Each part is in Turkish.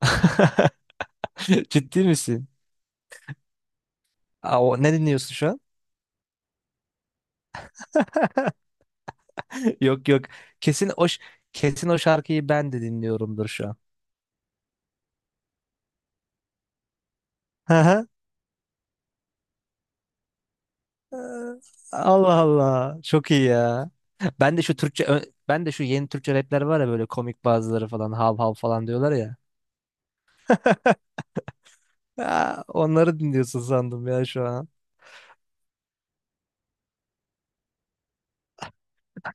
Ciddi misin? Aa, ne dinliyorsun şu an? Yok yok. Kesin o ş- kesin o şarkıyı ben de dinliyorumdur şu an. Hı hı. Ee, Allah Allah. Çok iyi ya. Ben de şu Türkçe ö- ben de şu yeni Türkçe rapler var ya, böyle komik bazıları falan hav hav falan diyorlar ya. Aa, onları dinliyorsun sandım ya şu an.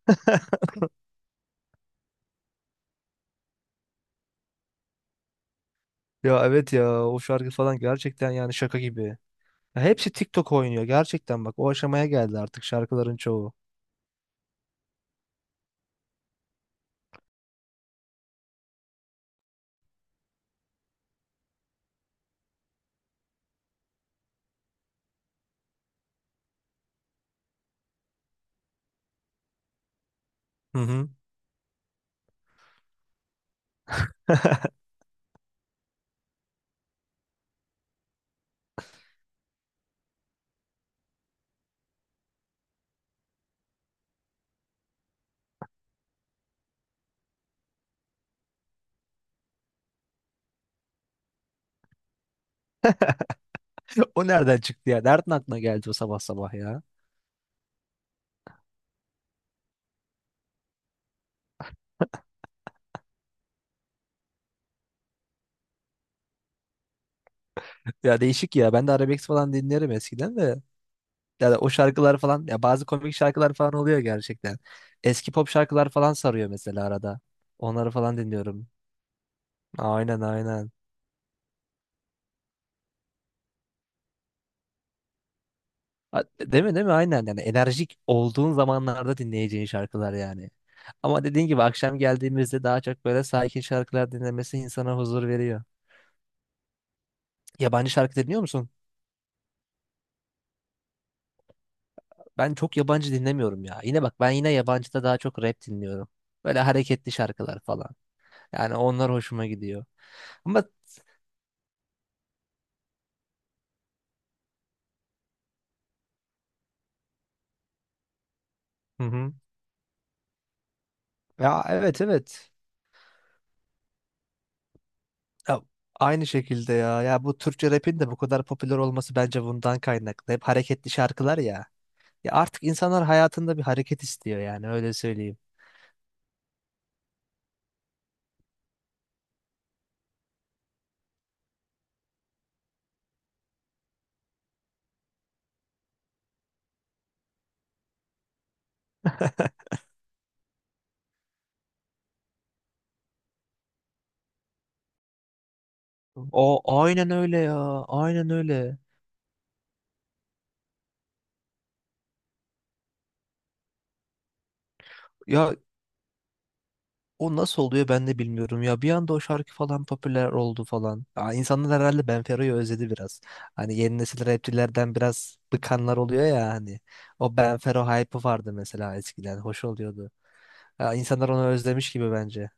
Ya evet ya, o şarkı falan gerçekten yani şaka gibi. Ya hepsi TikTok oynuyor gerçekten, bak o aşamaya geldi artık şarkıların çoğu. Hı hı. O nereden çıktı ya? Nereden aklına geldi o sabah sabah ya? Ya değişik ya. Ben de arabesk falan dinlerim eskiden de. Yani o şarkılar falan ya, bazı komik şarkılar falan oluyor gerçekten. Eski pop şarkılar falan sarıyor mesela arada. Onları falan dinliyorum. Aynen aynen. Ha, değil mi değil mi? Aynen, yani enerjik olduğun zamanlarda dinleyeceğin şarkılar yani. Ama dediğin gibi akşam geldiğimizde daha çok böyle sakin şarkılar dinlemesi insana huzur veriyor. Yabancı şarkı dinliyor musun? Ben çok yabancı dinlemiyorum ya. Yine bak, ben yine yabancıda daha çok rap dinliyorum. Böyle hareketli şarkılar falan. Yani onlar hoşuma gidiyor. Ama hı hı. Ya evet evet. Ya, aynı şekilde ya. Ya bu Türkçe rap'in de bu kadar popüler olması bence bundan kaynaklı. Hep hareketli şarkılar ya. Ya artık insanlar hayatında bir hareket istiyor, yani öyle söyleyeyim. O aynen öyle ya. Aynen öyle. Ya o nasıl oluyor ben de bilmiyorum ya. Bir anda o şarkı falan popüler oldu falan. Aa, insanlar herhalde Benfero'yu özledi biraz. Hani yeni nesil rapçilerden biraz bıkanlar oluyor ya hani. O Benfero hype'ı vardı mesela eskiden. Hoş oluyordu. Ya, insanlar onu özlemiş gibi bence.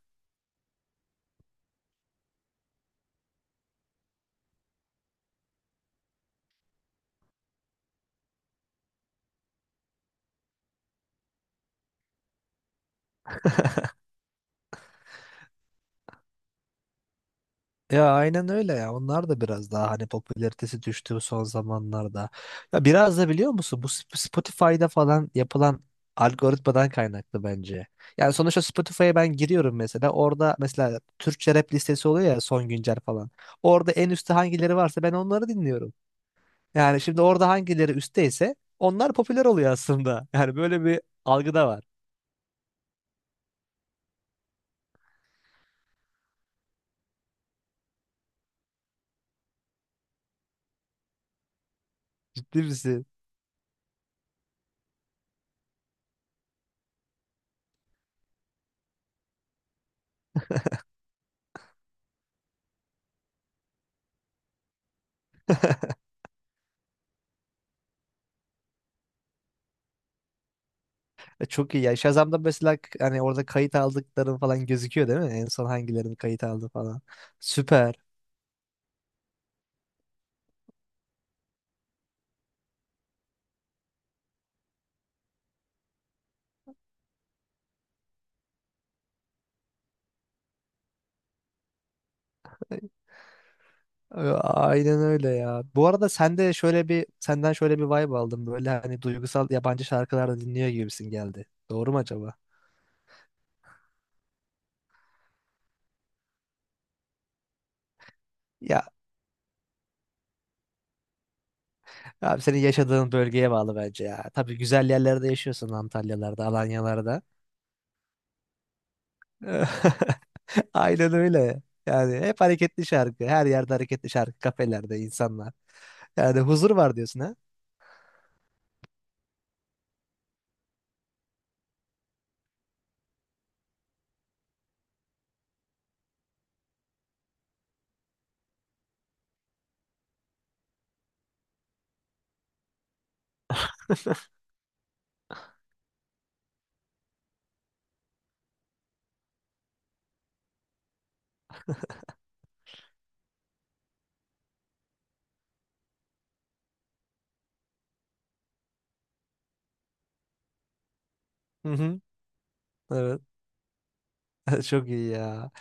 Ya aynen öyle ya. Onlar da biraz daha hani popülaritesi düştü son zamanlarda. Ya biraz da biliyor musun, bu Spotify'da falan yapılan algoritmadan kaynaklı bence. Yani sonuçta Spotify'a ben giriyorum mesela. Orada mesela Türkçe rap listesi oluyor ya, son güncel falan. Orada en üstte hangileri varsa ben onları dinliyorum. Yani şimdi orada hangileri üstteyse onlar popüler oluyor aslında. Yani böyle bir algı da var. Ciddi misin? Çok iyi ya. Shazam'da mesela hani orada kayıt aldıkların falan gözüküyor değil mi? En son hangilerini kayıt aldı falan. Süper. Aynen öyle ya. Bu arada senden şöyle bir vibe aldım. Böyle hani duygusal yabancı şarkılar da dinliyor gibisin geldi. Doğru mu acaba? Ya abi, senin yaşadığın bölgeye bağlı bence ya. Tabii güzel yerlerde yaşıyorsun, Antalyalarda, Alanyalarda. Aynen öyle. Yani hep hareketli şarkı. Her yerde hareketli şarkı. Kafelerde insanlar. Yani huzur var diyorsun ha? Hı hı. Evet. Çok iyi ya.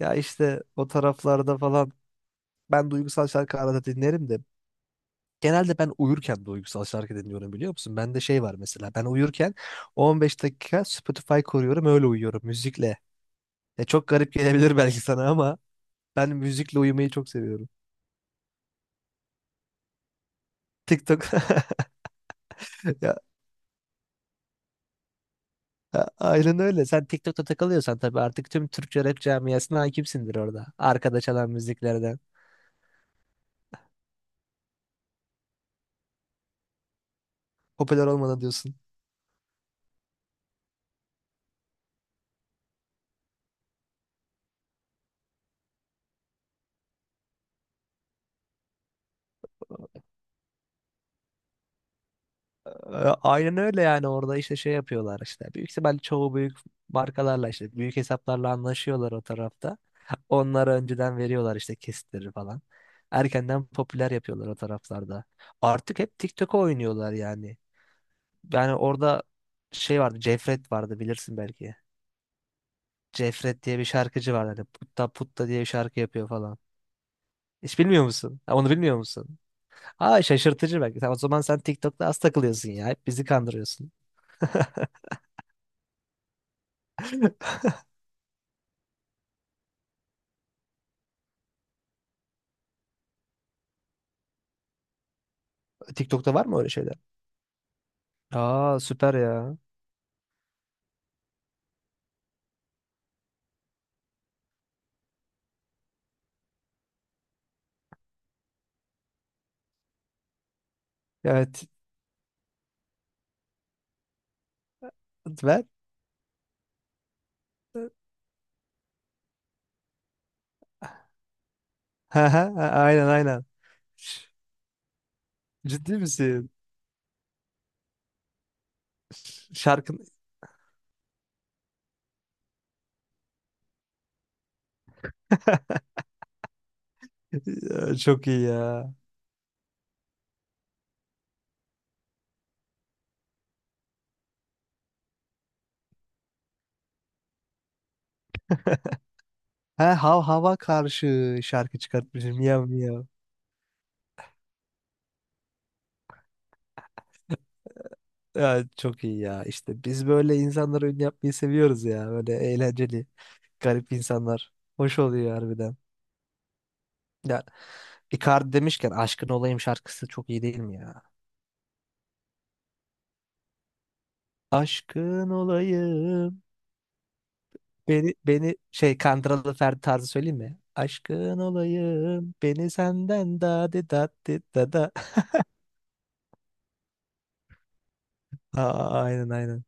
Ya işte o taraflarda falan, ben duygusal şarkı arada dinlerim de genelde ben uyurken duygusal şarkı dinliyorum biliyor musun? Bende şey var, mesela ben uyurken 15 dakika Spotify koruyorum, öyle uyuyorum müzikle. Ya çok garip gelebilir belki sana ama ben müzikle uyumayı çok seviyorum. TikTok. Ya, aynen öyle. Sen TikTok'ta takılıyorsan tabii artık tüm Türkçe rap camiasına hakimsindir orada. Arkada çalan müziklerden. Popüler olmadan diyorsun. E, Aynen öyle, yani orada işte şey yapıyorlar işte. Büyük ihtimal çoğu büyük markalarla, işte büyük hesaplarla anlaşıyorlar o tarafta. Onlara önceden veriyorlar işte, kesitleri falan. Erkenden popüler yapıyorlar o taraflarda. Artık hep TikTok'a oynuyorlar yani. Yani orada şey vardı, Cefret vardı, bilirsin belki. Cefret diye bir şarkıcı vardı. Hani putta putta diye bir şarkı yapıyor falan. Hiç bilmiyor musun? Ha, onu bilmiyor musun? Ha, şaşırtıcı belki. O zaman sen TikTok'ta az takılıyorsun ya. Hep bizi kandırıyorsun. TikTok'ta var mı öyle şeyler? Aa, süper ya. Evet. Ver. Ha ha ha, aynen aynen. Ciddi misin? Şarkın çok iyi ya. Ha, hav hava karşı şarkı çıkartmışım. Miyav miyav. Ya, çok iyi ya. İşte biz böyle insanlara ün yapmayı seviyoruz ya. Böyle eğlenceli, garip insanlar. Hoş oluyor harbiden. Ya Icardi demişken, aşkın olayım şarkısı çok iyi değil mi ya? Aşkın olayım. Beni şey, Kandıralı Ferdi tarzı söyleyeyim mi? Aşkın olayım, beni senden, da di da di dadi da. Aa, aynen aynen.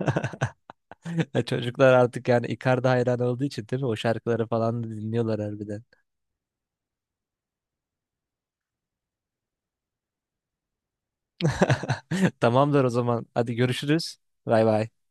Ya çocuklar artık, yani Icardi hayran olduğu için değil mi, o şarkıları falan da dinliyorlar harbiden. Tamamdır o zaman. Hadi görüşürüz. Bay bay.